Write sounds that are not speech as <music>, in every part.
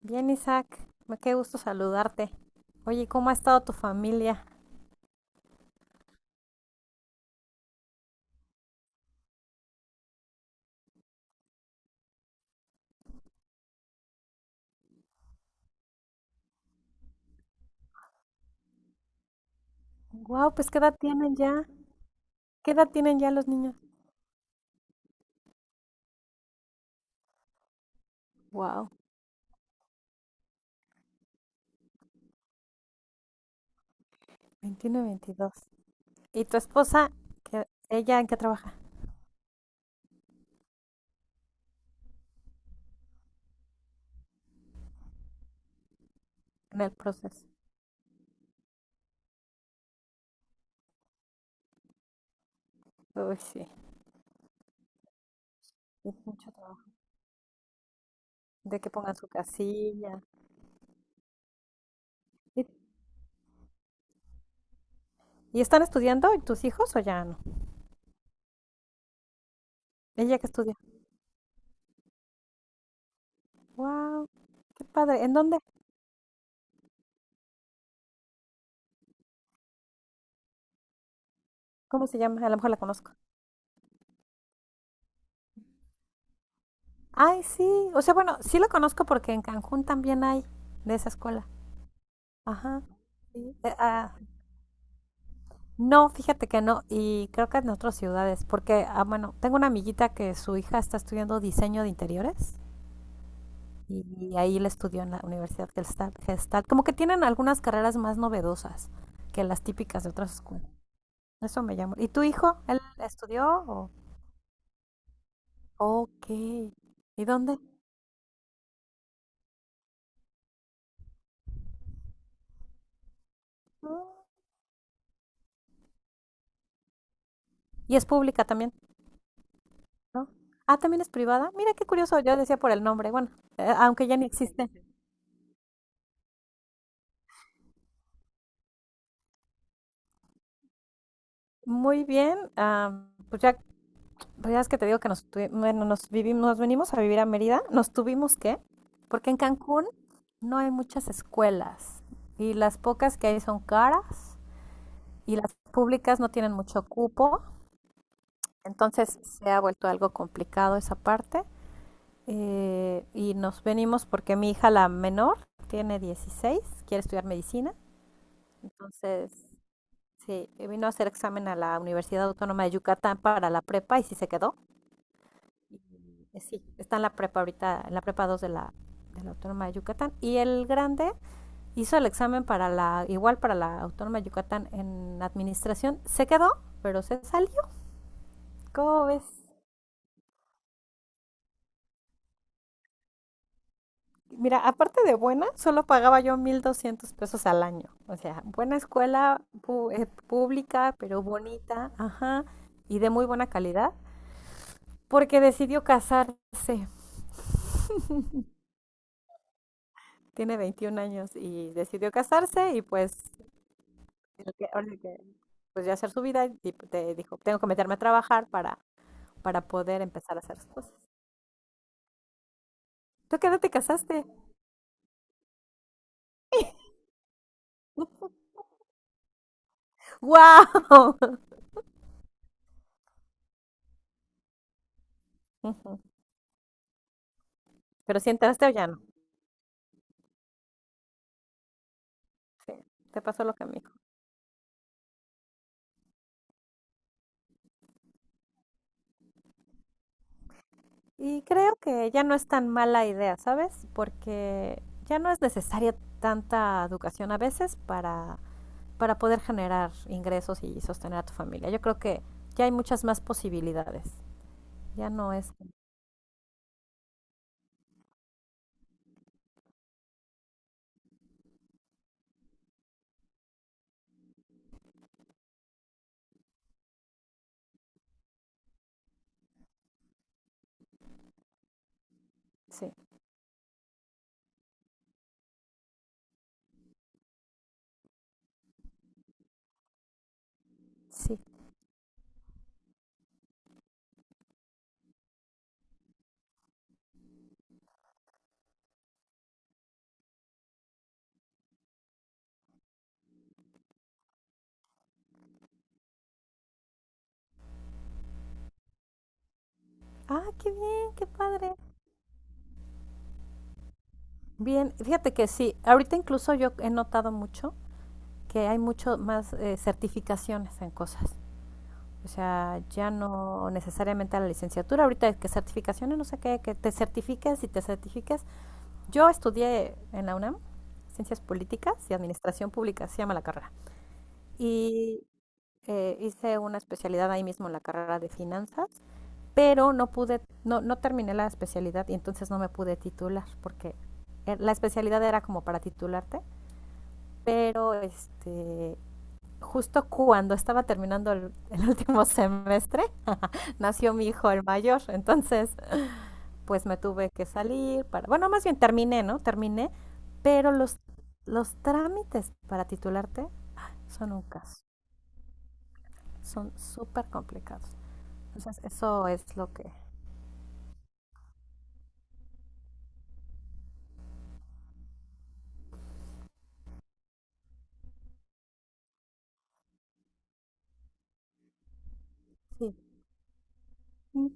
Bien, Isaac, me qué gusto saludarte. Oye, ¿cómo ha estado tu familia? Wow, pues ¿qué edad tienen ya? ¿Qué edad tienen ya los niños? Wow, 21, y 22. ¿Y tu esposa? ¿Ella en qué trabaja? En el proceso. Uy, sí, es mucho trabajo. De que pongan su casilla. ¿Y, y están estudiando tus hijos o ya no? ¿Ella que estudia? Wow, qué padre. ¿En dónde? ¿Cómo se llama? A lo mejor la conozco. Ay, sí. O sea, bueno, sí la conozco porque en Cancún también hay de esa escuela. Ajá. Sí, no, fíjate que no, y creo que en otras ciudades, porque, bueno, tengo una amiguita que su hija está estudiando diseño de interiores y ahí la estudió en la Universidad Gestalt, Gestalt. Como que tienen algunas carreras más novedosas que las típicas de otras escuelas. Eso me llama. ¿Y tu hijo? ¿Él estudió? Ok. ¿Y dónde? Y es pública también, ¿no? Ah, también es privada. Mira qué curioso, yo decía por el nombre, bueno, aunque ya ni existe. Muy bien, Pues ya es que te digo que bueno, nos venimos a vivir a Mérida, nos tuvimos que, porque en Cancún no hay muchas escuelas y las pocas que hay son caras y las públicas no tienen mucho cupo, entonces se ha vuelto algo complicado esa parte. Y nos venimos porque mi hija la menor tiene 16, quiere estudiar medicina, entonces sí, vino a hacer examen a la Universidad Autónoma de Yucatán para la prepa y sí se quedó. Sí, está en la prepa ahorita, en la prepa 2 de la Autónoma de Yucatán. Y el grande hizo el examen igual para la Autónoma de Yucatán en administración. Se quedó, pero se salió. ¿Cómo ves? Mira, aparte de buena, solo pagaba yo 1,200 pesos al año. O sea, buena escuela pública, pero bonita, ajá, y de muy buena calidad, porque decidió casarse. Tiene 21 años y decidió casarse y pues Lo que- o lo que, pues ya hacer su vida y te dijo, tengo que meterme a trabajar para poder empezar a hacer sus cosas. ¿Tú qué edad te casaste? ¡Wow! <laughs> Pero si entraste o ya no. Sí, te pasó lo que a mí. Y creo que ya no es tan mala idea, ¿sabes? Porque ya no es necesaria tanta educación a veces para poder generar ingresos y sostener a tu familia. Yo creo que ya hay muchas más posibilidades. Ya no es... Sí, sí. Ah, qué bien, qué padre. Bien, fíjate que sí, ahorita incluso yo he notado mucho que hay mucho más certificaciones en cosas. O sea, ya no necesariamente a la licenciatura, ahorita es que certificaciones, no sé qué, que te certifiques y te certifiques. Yo estudié en la UNAM Ciencias Políticas y Administración Pública, se llama la carrera. Y hice una especialidad ahí mismo en la carrera de finanzas, pero no pude, no, no terminé la especialidad y entonces no me pude titular porque la especialidad era como para titularte, pero justo cuando estaba terminando el último semestre, <laughs> nació mi hijo el mayor, entonces pues me tuve que salir bueno, más bien terminé, ¿no? Terminé, pero los trámites para titularte son un caso, son súper complicados. Entonces eso es Sí. Ujú.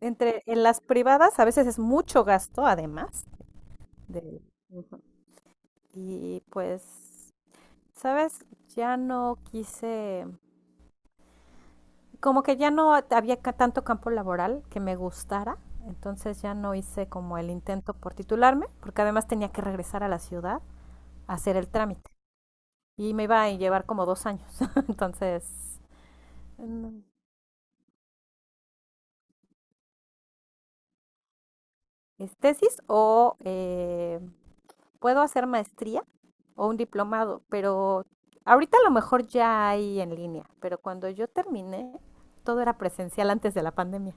Entre en las privadas a veces es mucho gasto, además, de, Ujú. Y pues, ¿sabes? Ya no quise, como que ya no había tanto campo laboral que me gustara, entonces ya no hice como el intento por titularme, porque además tenía que regresar a la ciudad a hacer el trámite y me iba a llevar como 2 años, <laughs> entonces mm, es tesis o puedo hacer maestría o un diplomado, pero ahorita a lo mejor ya hay en línea, pero cuando yo terminé todo era presencial antes de la pandemia.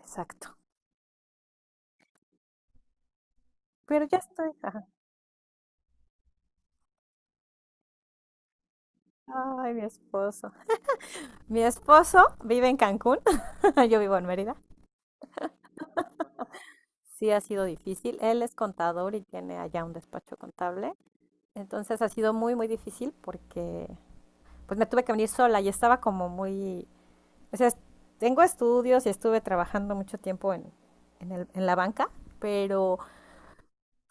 Exacto. Pero ya estoy. Ajá. Ay, mi esposo. Mi esposo vive en Cancún, <laughs> yo vivo en Mérida. Sí ha sido difícil. Él es contador y tiene allá un despacho contable. Entonces ha sido muy, muy difícil porque pues me tuve que venir sola y estaba como o sea, tengo estudios y estuve trabajando mucho tiempo en, en la banca, pero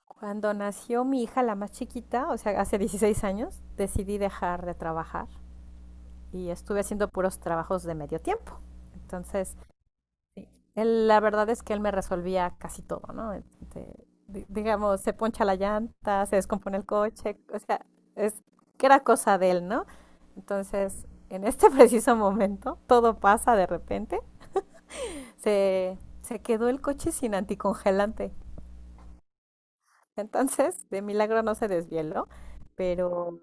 cuando nació mi hija, la más chiquita, o sea, hace 16 años, decidí dejar de trabajar y estuve haciendo puros trabajos de medio tiempo. Entonces, sí. Él, la verdad es que él me resolvía casi todo, ¿no? Digamos, se poncha la llanta, se descompone el coche, o sea, es que era cosa de él, ¿no? Entonces, en este <laughs> preciso momento, todo pasa de repente, se quedó el coche sin anticongelante. Entonces, de milagro no se desvieló, pero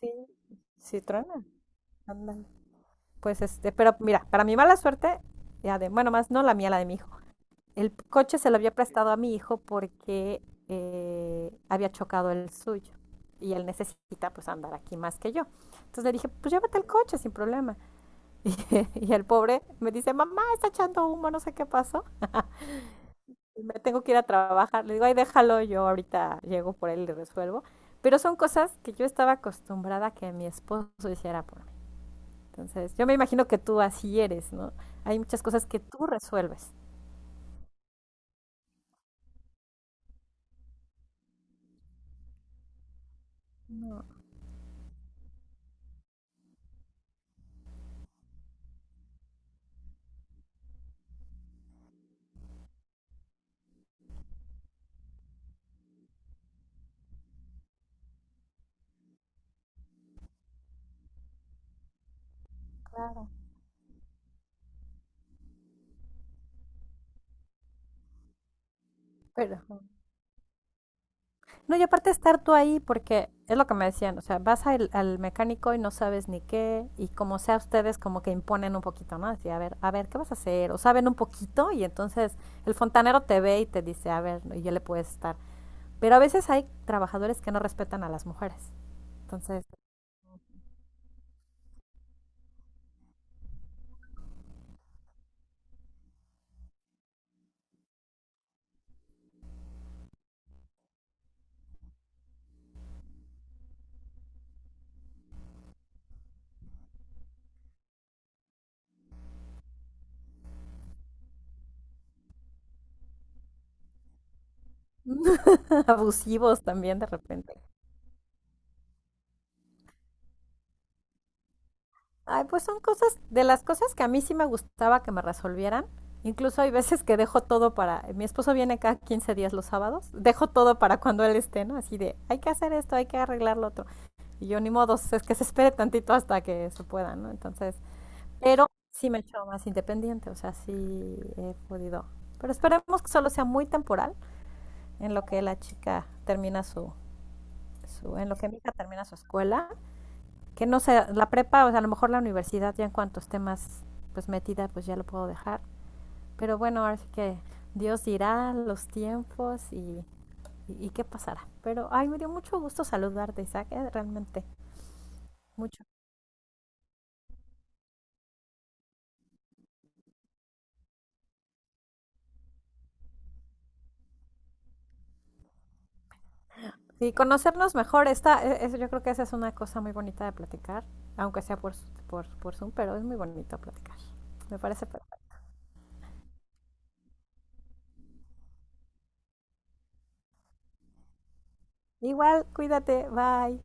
sí, sí truena, ándale. Pues pero mira, para mi mala suerte, ya bueno, más no la mía, la de mi hijo. El coche se lo había prestado a mi hijo porque había chocado el suyo y él necesita pues andar aquí más que yo. Entonces le dije, pues llévate el coche sin problema. <laughs> Y, y, el pobre me dice, mamá, está echando humo, no sé qué pasó. Y me tengo que ir a trabajar. Le digo, ay, déjalo, yo ahorita llego por él y le resuelvo. Pero son cosas que yo estaba acostumbrada a que mi esposo hiciera por mí. Entonces, yo me imagino que tú así eres, ¿no? Hay muchas cosas que tú resuelves. No, claro. Pero no, y aparte estar tú ahí, porque es lo que me decían, o sea, vas al mecánico y no sabes ni qué, y como sea ustedes como que imponen un poquito, ¿no? Así, a ver, ¿qué vas a hacer? O saben un poquito y entonces el fontanero te ve y te dice, a ver, y ya le puedes estar. Pero a veces hay trabajadores que no respetan a las mujeres, entonces <laughs> abusivos también de repente. Ay, pues son cosas, de las cosas que a mí sí me gustaba que me resolvieran. Incluso hay veces que dejo todo mi esposo viene cada 15 días los sábados, dejo todo para cuando él esté, ¿no? Así de, hay que hacer esto, hay que arreglar lo otro. Y yo ni modo, es que se espere tantito hasta que se pueda, ¿no? Entonces, pero sí me he hecho más independiente, o sea, sí he podido. Pero esperemos que solo sea muy temporal en lo que la chica termina su, en lo que mi hija termina su escuela, que no sé, la prepa, o sea, a lo mejor la universidad ya en cuantos temas pues metida, pues ya lo puedo dejar. Pero bueno, ahora sí que Dios dirá los tiempos y qué pasará. Pero, ay, me dio mucho gusto saludarte, Isaac, realmente, mucho. Y conocernos mejor, eso yo creo que esa es una cosa muy bonita de platicar, aunque sea por Zoom, pero es muy bonito platicar. Me parece perfecto. Igual, cuídate, bye.